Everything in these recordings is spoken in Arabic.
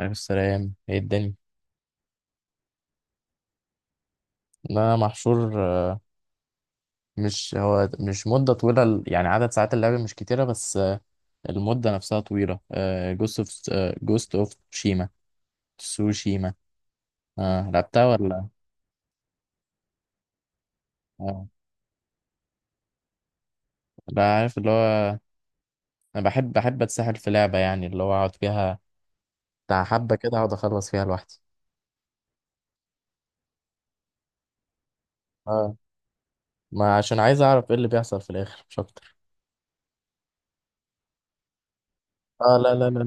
عليه السلام، ايه الدنيا؟ لا، محشور. مش مدة طويلة، يعني عدد ساعات اللعب مش كتيرة، بس المدة نفسها طويلة. جوست اوف جوست اوف تسوشيما. لعبتها ولا؟ آه. لا، عارف اللي هو، انا بحب اتسحل في لعبة، يعني اللي هو اقعد فيها، بتاع حبة كده، اقعد اخلص فيها لوحدي. اه، ما عشان عايز اعرف ايه اللي بيحصل في الاخر، مش اكتر. اه لا لا لا،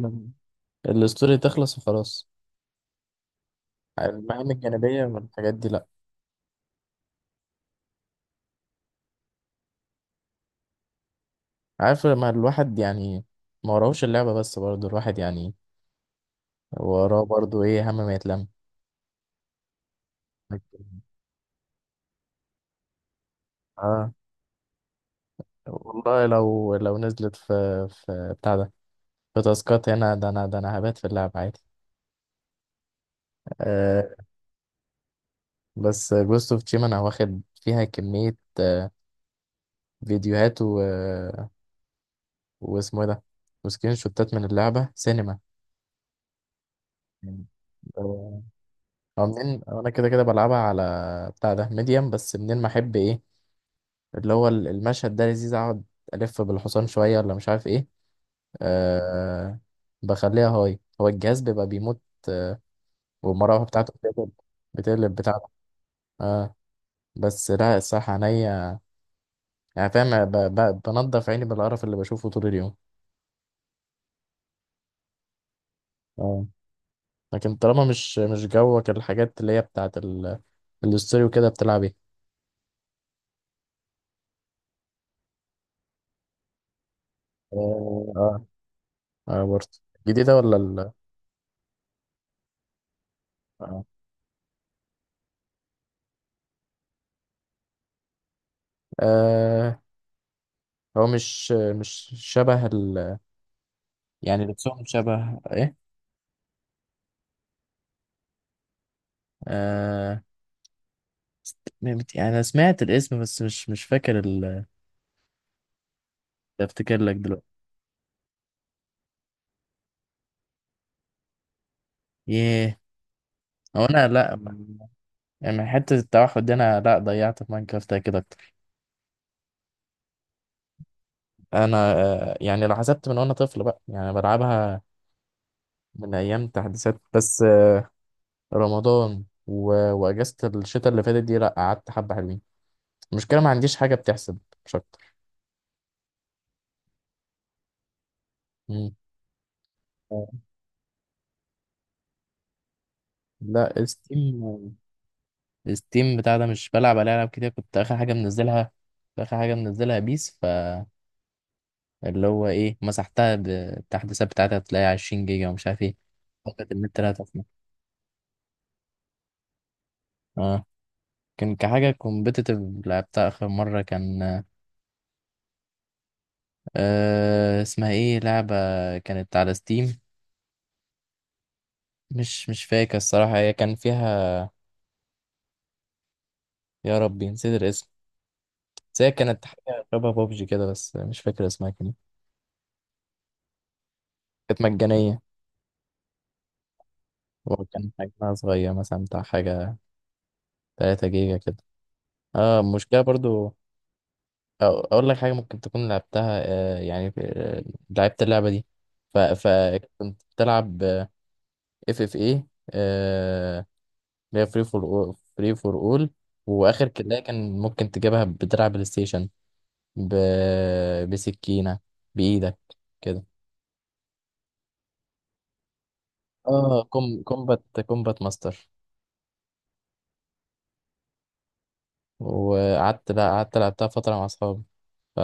لا الستوري تخلص وخلاص، المهام الجانبية والحاجات دي لا. عارف لما الواحد يعني ما وراهوش اللعبة، بس برضه الواحد، يعني وراه برضه، ايه، هم ما يتلم. اه والله، لو نزلت في بتاع ده، في تاسكات هنا، ده انا هبات في اللعب عادي. آه. بس جوست اوف تشيما انا واخد فيها كمية، فيديوهات و... واسمه ايه ده، وسكرين شوتات من اللعبة سينما. آه، منين، انا كده كده بلعبها على بتاع ده ميديم، بس منين ما احب، ايه، اللي هو المشهد ده لذيذ، اقعد الف بالحصان شويه، ولا مش عارف ايه. أه بخليها هاي، هو الجهاز بيبقى بيموت، آه، والمراوح بتاعته بتقلب بتاعته. اه، بس لا، الصح عينيا، يعني فاهم، بنضف عيني بالقرف اللي بشوفه طول اليوم. اه. لكن طالما مش جوك، الحاجات اللي هي بتاعت الاستوري وكده، بتلعب ايه؟ اه اه. برضه. جديدة ولا ال. آه. آه، هو مش شبه ال، يعني لبسهم شبه ايه؟ آه، يعني انا سمعت الاسم، بس مش فاكر ال، افتكر لك دلوقتي. ياه. او انا لا يعني حته التوحد دي، انا لا، ضيعت في ماينكرافت كده اكتر. انا، يعني لو حسبت من وانا طفل بقى، يعني بلعبها من ايام تحديثات، بس رمضان و... واجازه الشتاء اللي فاتت دي، لا قعدت حبه حلوين. المشكله ما عنديش حاجه بتحسب، مش اكتر. مم. آه، لا ستيم، ستيم بتاع ده مش بلعب عليه العاب كتير، كنت اخر حاجه منزلها، اخر حاجه منزلها بيس، اللي هو ايه، مسحتها بالتحديثات بتاعتها، تلاقي 20 جيجا ومش عارف ايه. فقط النت لا تفنى. اه، كان كحاجة كومبيتيتيف، لعبتها آخر مرة كان، اسمها ايه لعبة، كانت على ستيم، مش فاكر الصراحة، هي كان فيها، يا ربي نسيت الاسم. بس هي كانت حاجة شبه بابجي كده، بس مش فاكر اسمها كان إيه. كانت مجانية، وكان حجمها صغير، مثلا بتاع حاجة 3 جيجا كده. اه، المشكلة برضو، أو اقول لك حاجه، ممكن تكون لعبتها، يعني لعبت اللعبه دي، فكنت بتلعب، اف اف ايه، اللي هي فري فور اول، واخر كده كان ممكن تجيبها، بتلعب بلاي ستيشن ب... بسكينه بايدك كده، اه، كومبات ماستر. وقعدت، لا قعدت لعبتها فتره مع اصحابي. ف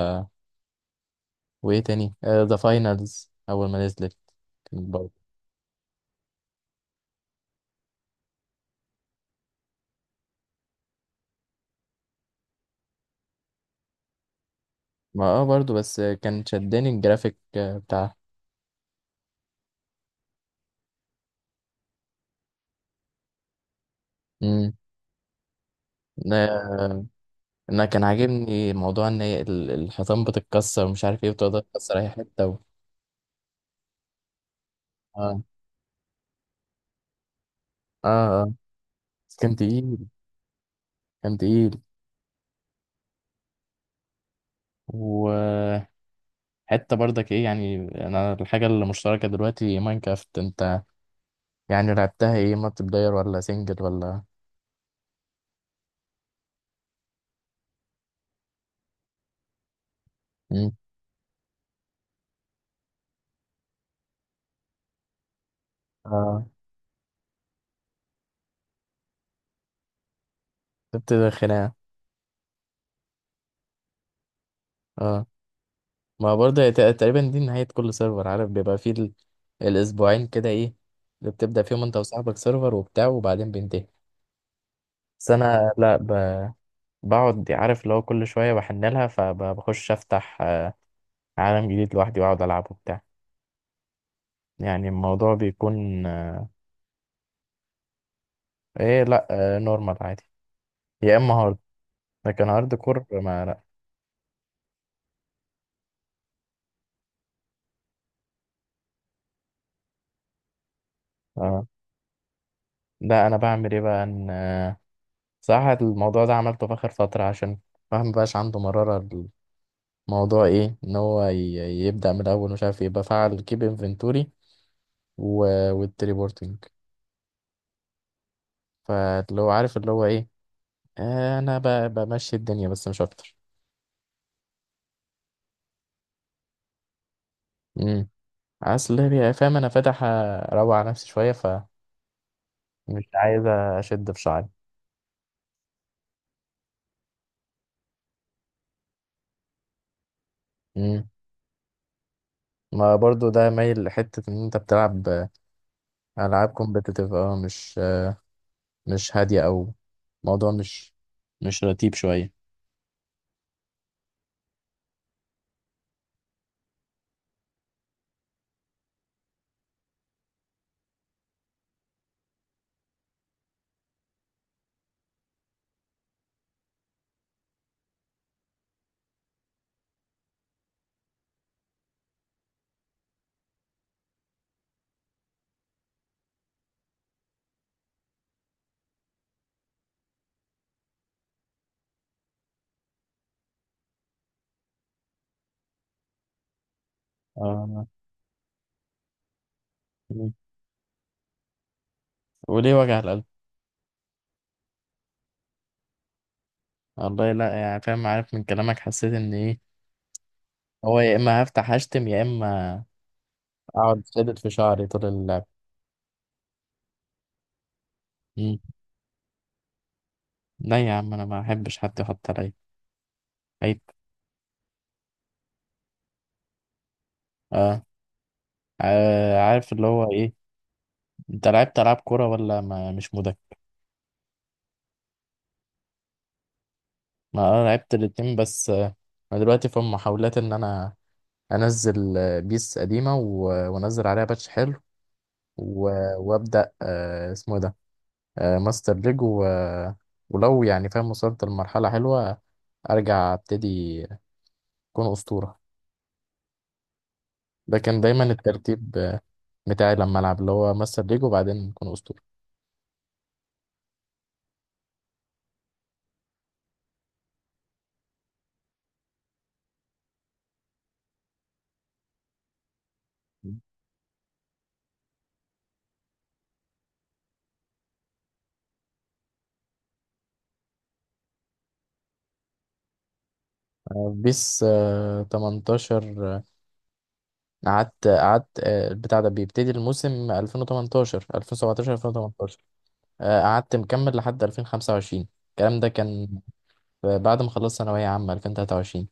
وايه تاني، ذا فاينلز اول ما نزلت، كان برضه، ما برضه، بس كان شدني الجرافيك، بتاع. امم. آه، انا كان عاجبني موضوع ان هي الحيطان بتتكسر، ومش عارف ايه، بتقدر تكسر اي حته و... اه اه. اه، بس كان تقيل، كان تقيل، وحته برضك ايه يعني. انا الحاجه المشتركه دلوقتي ماينكرافت، انت يعني لعبتها ايه، مالتي بلاير ولا سنجل ولا. امم. اه، بتبتدي خناقه. اه، ما برضه هي تقريبا دي نهايه كل سيرفر، عارف بيبقى فيه ال... الاسبوعين كده، ايه اللي بتبدا فيهم انت وصاحبك سيرفر وبتاع، وبعدين بينتهي. بس انا لا، بقعد، عارف اللي هو كل شوية بحن لها، فبخش أفتح عالم جديد لوحدي، وأقعد ألعب وبتاع. يعني الموضوع بيكون إيه، لأ. آه، نورمال عادي، يا إما هارد، لكن هارد كور ما لأ. آه. ده أنا بعمل إيه بقى، إن صراحة الموضوع ده عملته في آخر فترة، عشان الواحد مبقاش عنده مرارة. الموضوع إيه، إن هو يبدأ من الأول، ومش عارف إيه، بفعل كيب إنفنتوري والتليبورتنج، فاللي هو عارف اللي هو إيه، أنا بمشي الدنيا، بس مش أكتر. اصل هي، فاهم، انا فاتح اروق على نفسي شويه، فمش عايز اشد في شعري. امم. ما برضو، ده مايل لحته ان انت بتلعب العاب كومبتيتيف، اه، مش هاديه، او موضوع مش رتيب شويه. اه. مم. وليه وجع القلب؟ والله لا، يعني فاهم، عارف من كلامك، حسيت ان ايه، هو يا اما هفتح اشتم، يا اما اقعد شدد في شعري طول اللعب. مم. لا يا عم، انا ما احبش حد يحط عليا، عيب. اه، عارف اللي هو ايه، انت لعبت العاب كوره ولا ما مش مدك؟ ما انا لعبت الاتنين، بس انا دلوقتي في محاولات ان انا انزل بيس قديمه، وانزل عليها باتش حلو، وابدا اسمه إيه ده، ماستر ليج و... ولو يعني فاهم وصلت لمرحله حلوه، ارجع ابتدي اكون اسطوره. ده كان دايما الترتيب بتاعي لما العب، اللي هو ماستر ليج، وبعدين اكون اسطوره. بيس 18، قعدت البتاع ده بيبتدي الموسم 2018 2017 2018، قعدت مكمل لحد 2025. الكلام ده كان بعد ما خلصت ثانوية عامة 2023.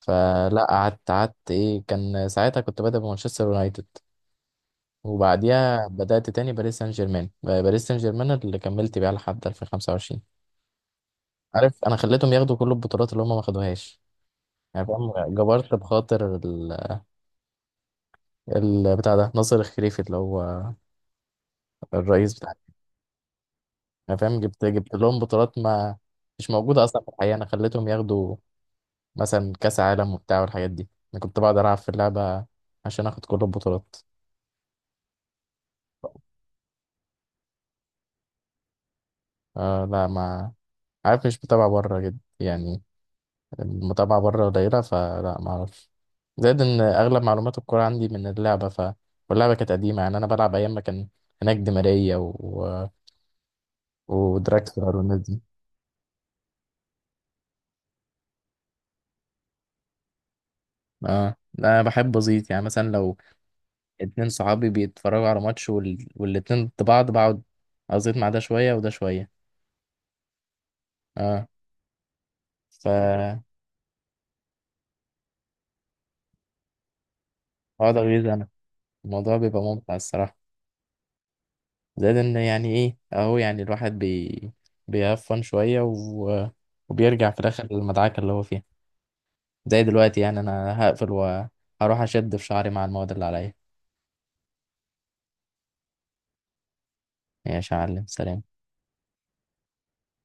فلا قعدت ايه، كان ساعتها كنت بادئ بمانشستر يونايتد، وبعديها بدأت تاني باريس سان جيرمان اللي كملت بيها لحد 2025. عارف، انا خليتهم ياخدوا كل البطولات اللي هم ما خدوهاش، يعني فاهم، جبرت بخاطر بتاع ده ناصر الخليفي اللي هو الرئيس. انا فاهم، جبت لهم بطولات، ما مش موجوده اصلا في الحقيقه، انا خليتهم ياخدوا مثلا كاس عالم وبتاع والحاجات دي. انا كنت بقعد العب في اللعبه عشان اخد كل البطولات. آه لا، ما عارف، مش متابعه بره جد يعني، المتابعه بره قليله، فلا ما اعرفش. زائد ان اغلب معلومات الكوره عندي من اللعبه، واللعبه كانت قديمه، يعني انا بلعب ايام ما كان هناك دي ماريا و... و... ودراكسلر والناس دي. اه لا، انا بحب ازيط، يعني مثلا لو اتنين صحابي بيتفرجوا على ماتش والاتنين ضد بعض، بقعد ازيط مع ده شوية وده شوية. اه. ف بقعد اغيظ انا، الموضوع بيبقى ممتع الصراحة. زائد ان، يعني ايه اهو، يعني الواحد بيهفن شوية و... وبيرجع في الاخر للمدعكة اللي هو فيها. زي دلوقتي، يعني انا هقفل وهروح اشد في شعري مع المواد اللي عليا. ماشي يا معلم، سلام.